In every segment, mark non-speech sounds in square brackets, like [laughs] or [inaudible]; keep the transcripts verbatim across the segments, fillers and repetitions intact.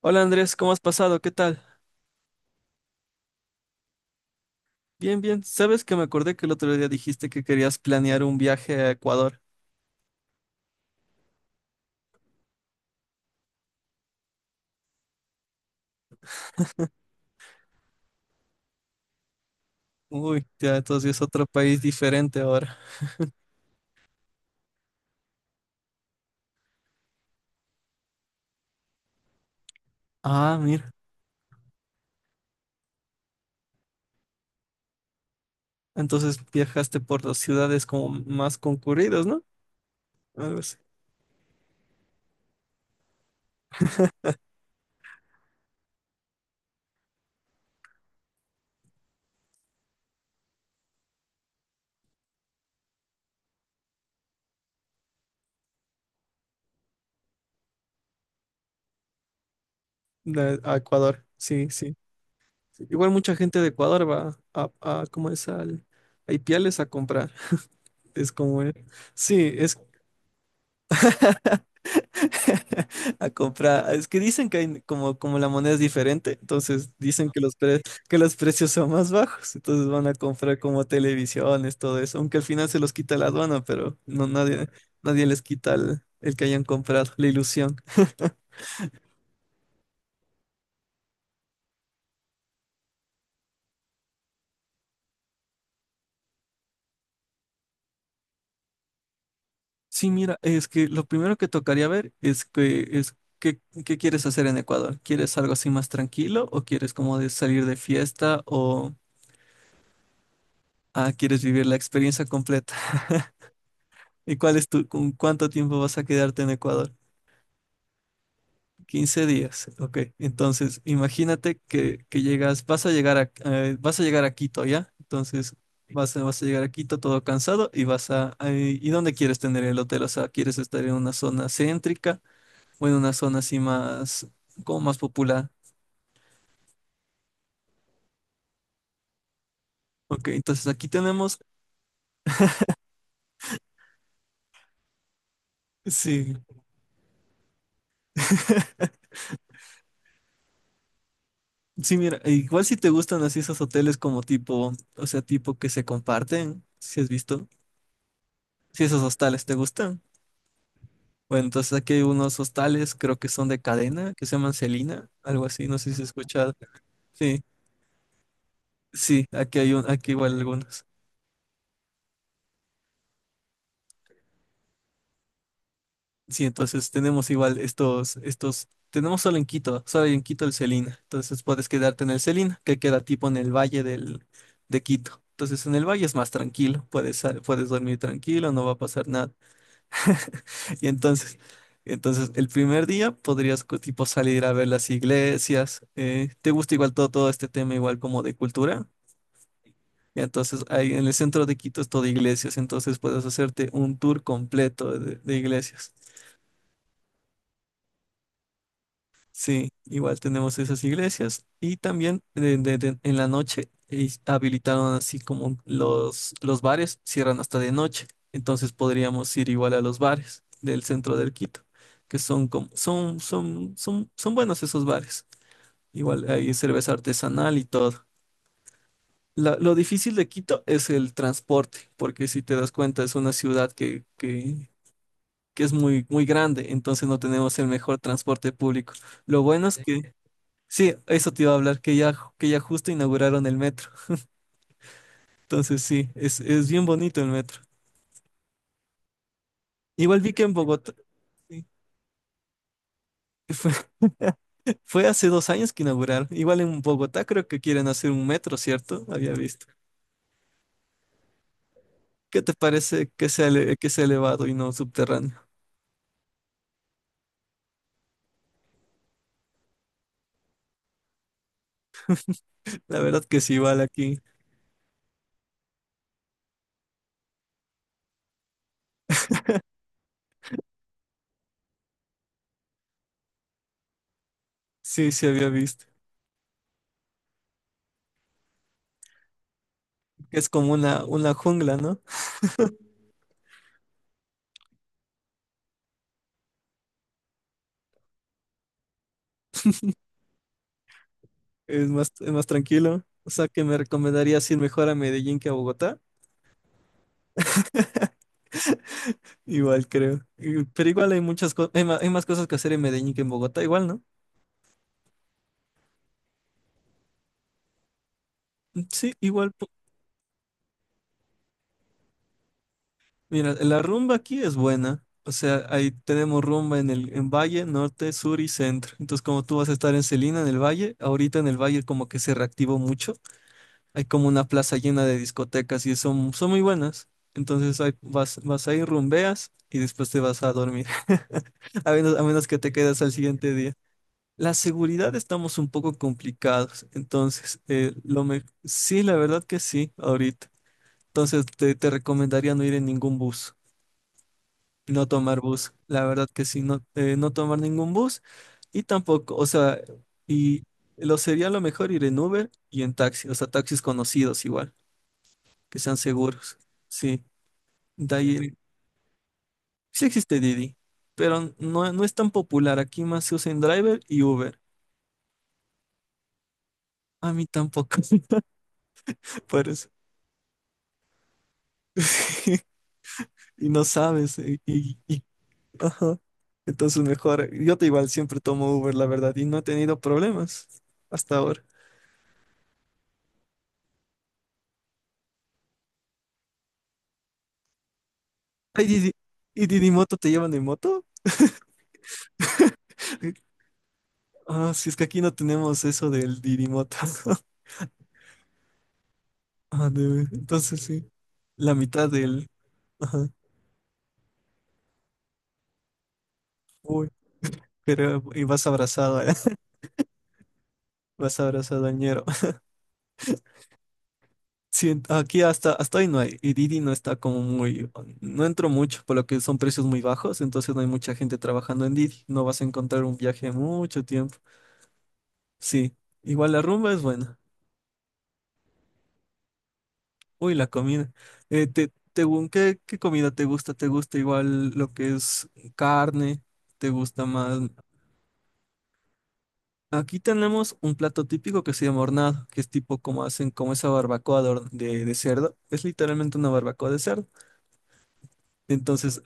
Hola Andrés, ¿cómo has pasado? ¿Qué tal? Bien, bien. Sabes que me acordé que el otro día dijiste que querías planear un viaje a Ecuador. Uy, ya, entonces es otro país diferente ahora. Ah, mira. Entonces viajaste por las ciudades como más concurridas, ¿no? Algo así. De- a Ecuador. Sí, sí. Sí. Igual mucha gente de Ecuador va a, a ¿cómo es? Al, a Ipiales a comprar. [laughs] Es como, eh, sí, es [laughs] a comprar. Es que dicen que hay como, como la moneda es diferente, entonces dicen que los, pre- que los precios son más bajos, entonces van a comprar como televisiones, todo eso, aunque al final se los quita la aduana, pero no nadie, nadie les quita el, el que hayan comprado, la ilusión. Sí, mira, es que lo primero que tocaría ver es que es qué, qué quieres hacer en Ecuador. ¿Quieres algo así más tranquilo o quieres como de salir de fiesta o ah, quieres vivir la experiencia completa? [laughs] ¿Y cuál es tu, con cuánto tiempo vas a quedarte en Ecuador? Quince días, ok. Entonces, imagínate que, que llegas, vas a llegar a, eh, vas a llegar a Quito, ¿ya? Entonces, vas a, vas a llegar a Quito todo cansado y vas a, ay, ¿y dónde quieres tener el hotel? O sea, ¿quieres estar en una zona céntrica o en una zona así más, como más popular? Ok, entonces aquí tenemos, sí, sí, mira, igual si te gustan así esos hoteles como tipo, o sea, tipo que se comparten, si has visto, si esos hostales te gustan. Bueno, entonces aquí hay unos hostales, creo que son de cadena, que se llaman Celina, algo así, no sé si se escuchado. Sí, sí, aquí hay un, aquí igual algunos. Sí, entonces tenemos igual estos, estos, tenemos solo en Quito, solo hay en Quito el Celina. Entonces puedes quedarte en el Celina, que queda tipo en el valle del, de Quito. Entonces en el valle es más tranquilo, puedes, sal- puedes dormir tranquilo, no va a pasar nada. [laughs] Y entonces, entonces el primer día podrías co- tipo salir a ver las iglesias. Eh, ¿te gusta igual todo, todo este tema igual como de cultura? Y entonces ahí en el centro de Quito es todo iglesias, entonces puedes hacerte un tour completo de, de iglesias. Sí, igual tenemos esas iglesias. Y también de- de- de- en la noche eh, habilitaron así como los, los bares cierran hasta de noche. Entonces podríamos ir igual a los bares del centro del Quito, que son como, son, son, son, son buenos esos bares. Igual hay cerveza artesanal y todo. La- lo difícil de Quito es el transporte, porque si te das cuenta es una ciudad que, que, que es muy, muy grande, entonces no tenemos el mejor transporte público. Lo bueno es que sí, eso te iba a hablar, que ya, que ya justo inauguraron el metro. Entonces sí, es, es bien bonito el metro. Igual vi que en Bogotá, sí, fue, [laughs] fue hace dos años que inauguraron. Igual en Bogotá creo que quieren hacer un metro, ¿cierto? Había visto. ¿Qué te parece que sea, ele- que sea elevado y no subterráneo? La verdad que sí, igual aquí. Sí, sí había visto. Es como una, una jungla, ¿no? Es más, es más tranquilo. O sea, que me recomendarías ir mejor a Medellín que a Bogotá. Igual creo. Y- Pero igual hay muchas cosas, hay ma- hay más cosas que hacer en Medellín que en Bogotá, igual, ¿no? Mm, sí, igual. po- Mira, la rumba aquí es buena. O sea, ahí tenemos rumba en el en Valle, Norte, Sur y Centro. Entonces, como tú vas a estar en Celina, en el Valle, ahorita en el Valle como que se reactivó mucho. Hay como una plaza llena de discotecas y son, son muy buenas. Entonces, ahí vas, vas ahí, rumbeas y después te vas a dormir. [laughs] A menos, a menos que te quedas al siguiente día. La seguridad estamos un poco complicados, entonces, eh, lo me- sí, la verdad que sí, ahorita. Entonces, te, te recomendaría no ir en ningún bus, no tomar bus, la verdad que sí, no, eh, no tomar ningún bus y tampoco, o sea, y lo sería lo mejor ir en Uber y en taxi, o sea, taxis conocidos igual, que sean seguros, sí. De ahí, sí existe Didi, pero no, no es tan popular, aquí más se usa en Driver y Uber. A mí tampoco, [laughs] por eso. Y no sabes. Eh, Y, y- ajá. Entonces mejor, yo te igual siempre tomo Uber, la verdad, y no he tenido problemas hasta ahora. Ay, Didi- ¿y Didimoto te llevan en moto? Eh, Ah, si es que aquí no tenemos eso del Didimoto. [laughs] Ah, de- entonces sí, la mitad del. Ajá. Uy, pero y vas abrazado, [laughs] ¿eh? Vas abrazado al ñero. Sí, aquí hasta, hasta hoy no hay, y Didi no está como muy, no entro mucho, por lo que son precios muy bajos, entonces no hay mucha gente trabajando en Didi, no vas a encontrar un viaje mucho tiempo. Sí, igual la rumba es buena. Uy, la comida. Eh, te, te gu- ¿qué, qué comida te gusta? ¿Te gusta igual lo que es carne? ¿Te gusta más? Aquí tenemos un plato típico que se llama hornado, que es tipo como hacen como esa barbacoa de, hor- de de cerdo. Es literalmente una barbacoa de cerdo. Entonces.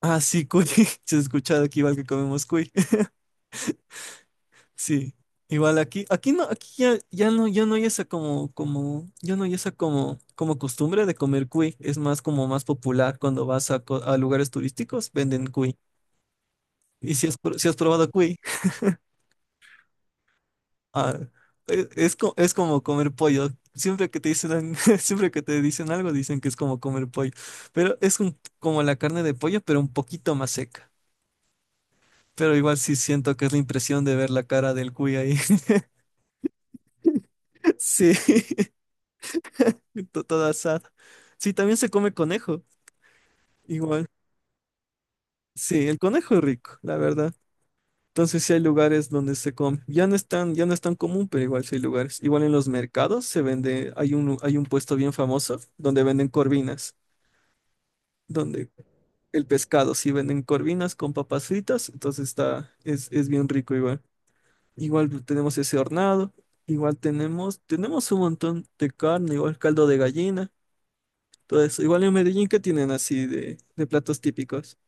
Ah, sí, cuy. [laughs] Se ha escuchado aquí igual que comemos cuy. [laughs] Sí. Igual aquí, aquí no, aquí ya, ya no, ya no hay esa como, como, ya no hay esa como, como costumbre de comer cuy. Es más como más popular cuando vas a, co- a lugares turísticos, venden cuy. Y si has, pr- si has probado cuy, [laughs] ah, e- es, co- es como comer pollo. Siempre que te dicen, [laughs] siempre que te dicen algo, dicen que es como comer pollo. Pero es un- como la carne de pollo, pero un poquito más seca. Pero igual sí siento que es la impresión de ver la cara del cuy ahí. Sí, [laughs] to- todo asado. Sí, también se come conejo, igual. Sí, el conejo es rico, la verdad. Entonces sí hay lugares donde se come. Ya no es tan, ya no es tan común, pero igual sí hay lugares. Igual en los mercados se vende, hay un, hay un puesto bien famoso donde venden corvinas, donde el pescado, sí venden corvinas con papas fritas, entonces está, es, es bien rico igual. Igual tenemos ese hornado, igual tenemos, tenemos un montón de carne, igual caldo de gallina. Todo eso. Igual en Medellín, ¿qué tienen así de, de platos típicos?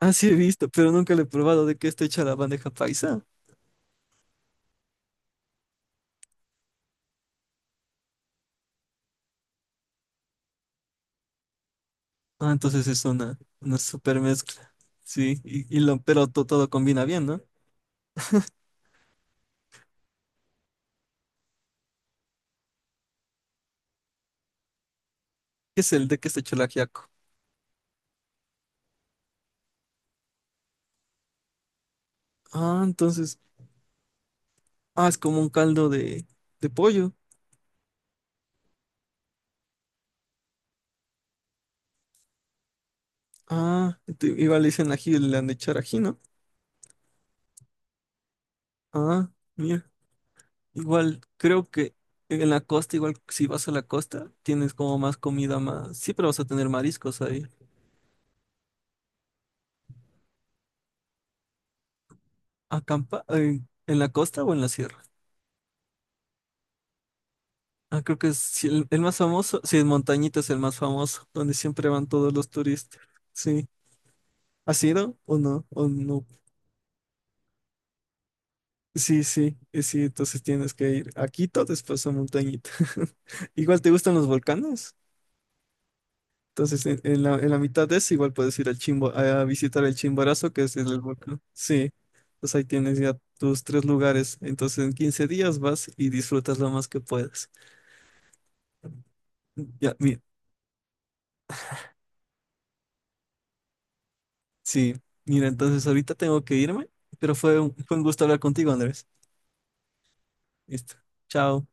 Ah, sí he visto, pero nunca lo he probado de qué está hecha la bandeja paisa. Ah, entonces es una, una super mezcla. Sí, y, y lo, pero to- todo combina bien, ¿no? ¿Qué es el de qué está hecho el ajiaco? Ah, entonces, ah, es como un caldo de, de pollo. Ah, te- igual le dicen ají, le han de echar ají, ¿no? Ah, mira, igual, creo que en la costa, igual si vas a la costa, tienes como más comida, más, siempre vas a tener mariscos ahí. Acampa eh, en la costa o en la sierra. Ah, creo que es sí, el, el más famoso. Sí, en Montañita es el más famoso, donde siempre van todos los turistas. Sí. ¿Has ido o no? ¿O no? Sí, sí, eh, sí, entonces tienes que ir a Quito, después a Montañita. [laughs] Igual te gustan los volcanes. Entonces, en, en la, en la mitad de eso, igual puedes ir al Chimbo, a visitar el Chimborazo, que es el volcán. Sí, pues ahí tienes ya tus tres lugares. Entonces, en quince días vas y disfrutas lo más que puedas. Ya, mi- sí, mira, entonces ahorita tengo que irme, pero fue un, fue un gusto hablar contigo, Andrés. Listo. Chao.